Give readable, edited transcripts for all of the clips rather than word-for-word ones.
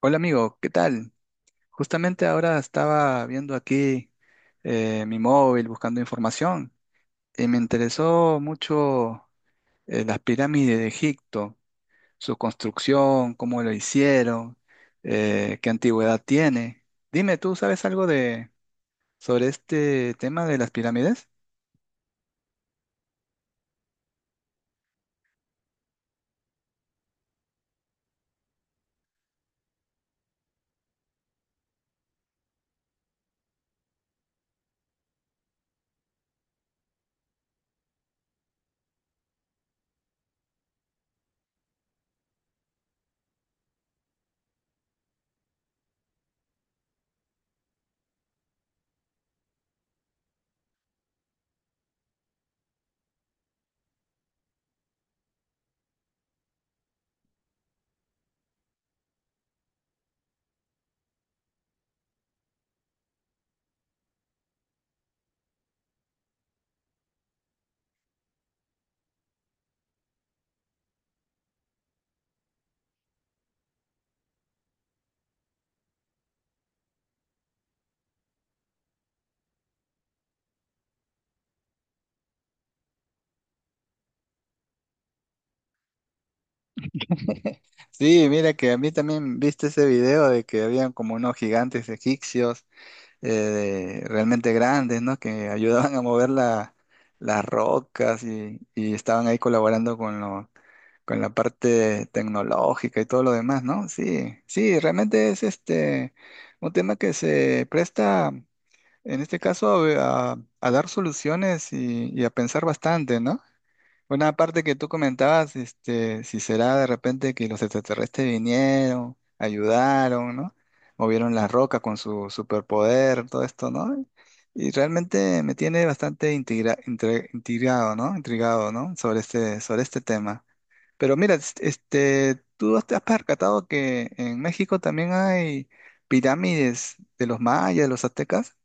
Hola amigo, ¿qué tal? Justamente ahora estaba viendo aquí mi móvil buscando información y me interesó mucho, las pirámides de Egipto, su construcción, cómo lo hicieron, qué antigüedad tiene. Dime, ¿tú sabes algo de sobre este tema de las pirámides? Sí, mira que a mí también viste ese video de que habían como unos gigantes egipcios, realmente grandes, ¿no? Que ayudaban a mover las rocas y estaban ahí colaborando con con la parte tecnológica y todo lo demás, ¿no? Sí, sí, realmente es este un tema que se presta, en este caso, a dar soluciones y a pensar bastante, ¿no? Una parte que tú comentabas, este, si será de repente que los extraterrestres vinieron, ayudaron, ¿no? Movieron las rocas con su superpoder, todo esto, ¿no? Y realmente me tiene bastante intrigado, ¿no? Intrigado, ¿no? Sobre sobre este tema. Pero mira, este, tú te has percatado que en México también hay pirámides de los mayas, de los aztecas.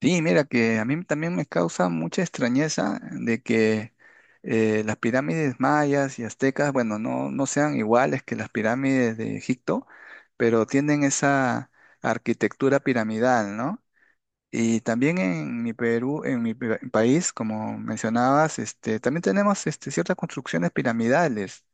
Sí, mira que a mí también me causa mucha extrañeza de que, las pirámides mayas y aztecas, bueno, no sean iguales que las pirámides de Egipto, pero tienen esa arquitectura piramidal, ¿no? Y también en mi Perú, en mi país, como mencionabas, este, también tenemos este, ciertas construcciones piramidales.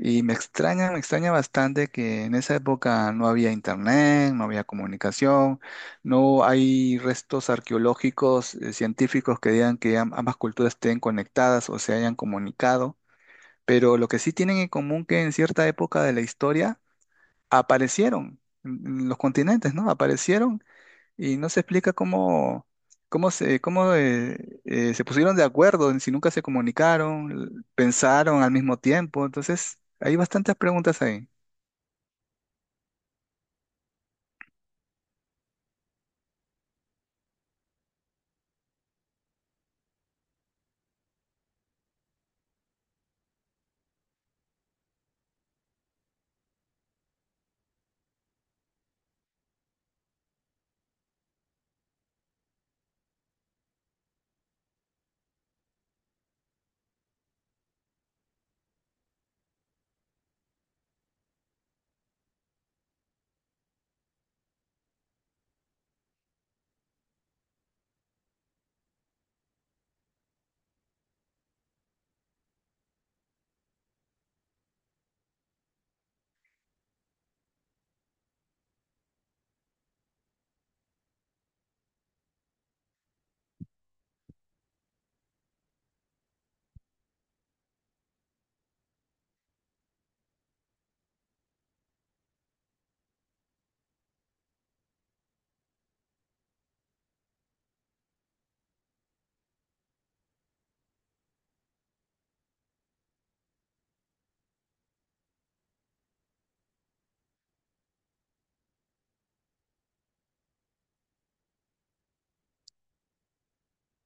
Y me extraña bastante que en esa época no había internet, no había comunicación, no hay restos arqueológicos, científicos que digan que ambas culturas estén conectadas o se hayan comunicado, pero lo que sí tienen en común que en cierta época de la historia aparecieron en los continentes, ¿no? Aparecieron y no se explica cómo, cómo, se pusieron de acuerdo, en si nunca se comunicaron, pensaron al mismo tiempo. Entonces, hay bastantes preguntas ahí.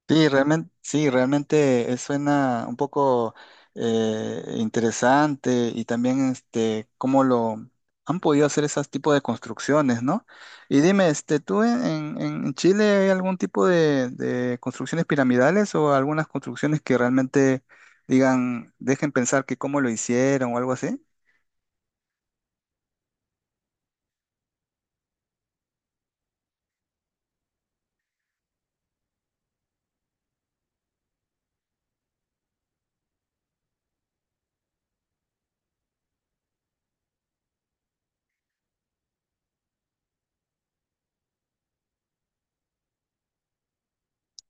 Sí, realmente, sí, realmente, suena un poco, interesante y también este cómo lo han podido hacer esos tipos de construcciones, ¿no? Y dime, este, ¿tú en, en Chile hay algún tipo de construcciones piramidales o algunas construcciones que realmente digan, dejen pensar que cómo lo hicieron o algo así?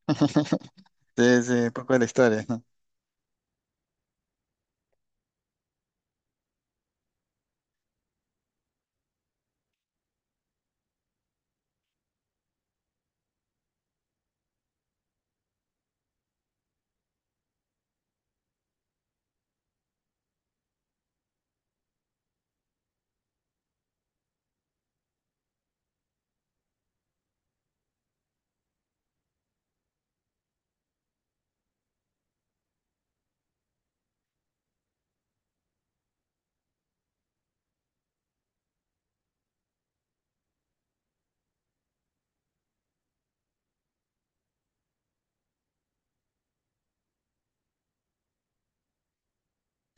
Sí, sí, un poco de la historia.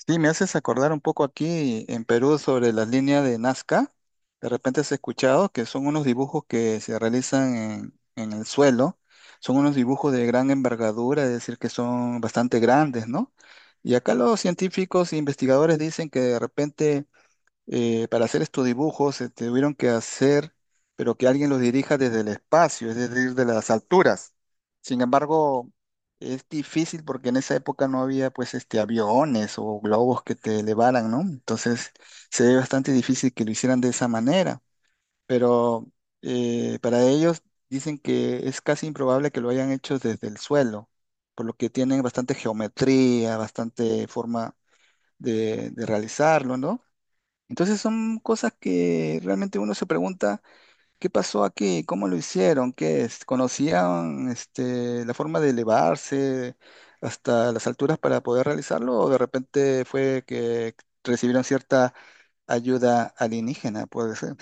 Sí, me haces acordar un poco aquí en Perú sobre las líneas de Nazca. De repente has escuchado que son unos dibujos que se realizan en el suelo. Son unos dibujos de gran envergadura, es decir, que son bastante grandes, ¿no? Y acá los científicos e investigadores dicen que de repente, para hacer estos dibujos se tuvieron que hacer, pero que alguien los dirija desde el espacio, es decir, de las alturas. Sin embargo, es difícil porque en esa época no había pues este aviones o globos que te elevaran, ¿no? Entonces se ve bastante difícil que lo hicieran de esa manera, pero, para ellos dicen que es casi improbable que lo hayan hecho desde el suelo, por lo que tienen bastante geometría, bastante forma de realizarlo, ¿no? Entonces son cosas que realmente uno se pregunta, ¿qué pasó aquí? ¿Cómo lo hicieron? ¿Qué es? ¿Conocían este, la forma de elevarse hasta las alturas para poder realizarlo? ¿O de repente fue que recibieron cierta ayuda alienígena? Puede ser.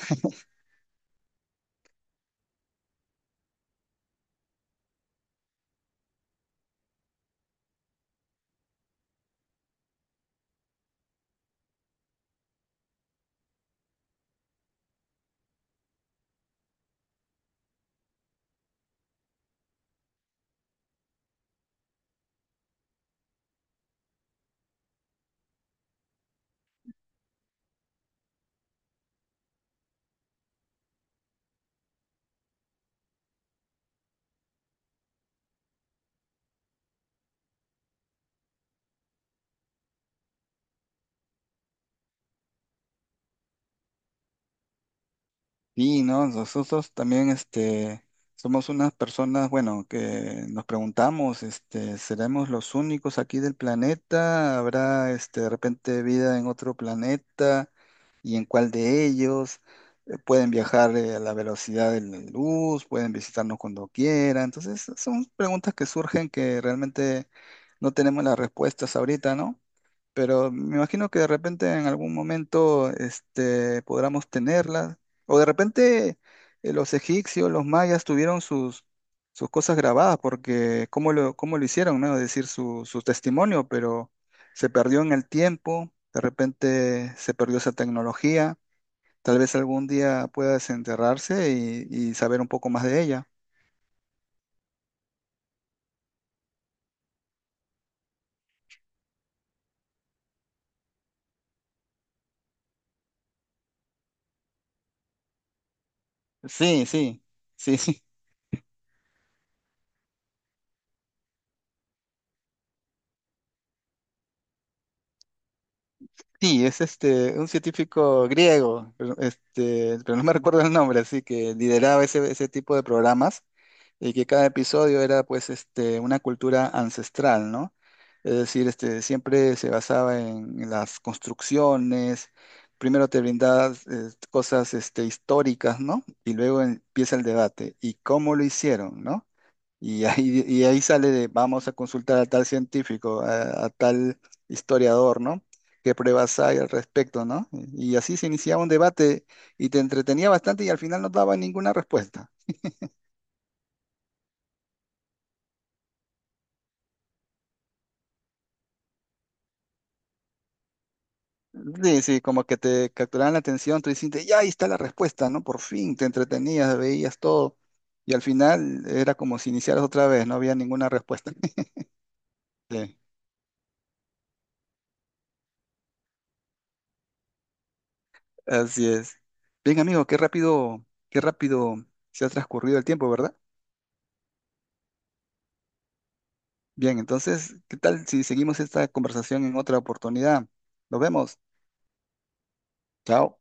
Y no, nosotros también este, somos unas personas, bueno, que nos preguntamos, este, ¿seremos los únicos aquí del planeta? ¿Habrá este, de repente vida en otro planeta? Y en cuál de ellos. Pueden viajar, a la velocidad de la luz, pueden visitarnos cuando quieran. Entonces, son preguntas que surgen que realmente no tenemos las respuestas ahorita, ¿no? Pero me imagino que de repente en algún momento este, podamos tenerlas. O de repente, los egipcios, los mayas tuvieron sus cosas grabadas, porque cómo lo hicieron, ¿no? Es decir, su testimonio, pero se perdió en el tiempo, de repente se perdió esa tecnología. Tal vez algún día pueda desenterrarse y saber un poco más de ella. Sí, sí, sí. Sí, es este, un científico griego, pero, este, pero no me recuerdo el nombre, así que lideraba ese tipo de programas y que cada episodio era pues este, una cultura ancestral, ¿no? Es decir, este, siempre se basaba en las construcciones, primero te brindaba, cosas este, históricas, ¿no? Y luego empieza el debate, ¿y cómo lo hicieron, ¿no? Y ahí sale de, vamos a consultar a tal científico, a tal historiador, ¿no? ¿Qué pruebas hay al respecto, ¿no? Y así se iniciaba un debate y te entretenía bastante y al final no daba ninguna respuesta. Sí, sí, como que te capturaban la atención, tú dices, ya ahí está la respuesta, ¿no? Por fin te entretenías, veías todo. Y al final era como si iniciaras otra vez, no había ninguna respuesta. Sí, así es. Bien, amigo, qué rápido se ha transcurrido el tiempo, ¿verdad? Bien, entonces, ¿qué tal si seguimos esta conversación en otra oportunidad? Nos vemos. Chao.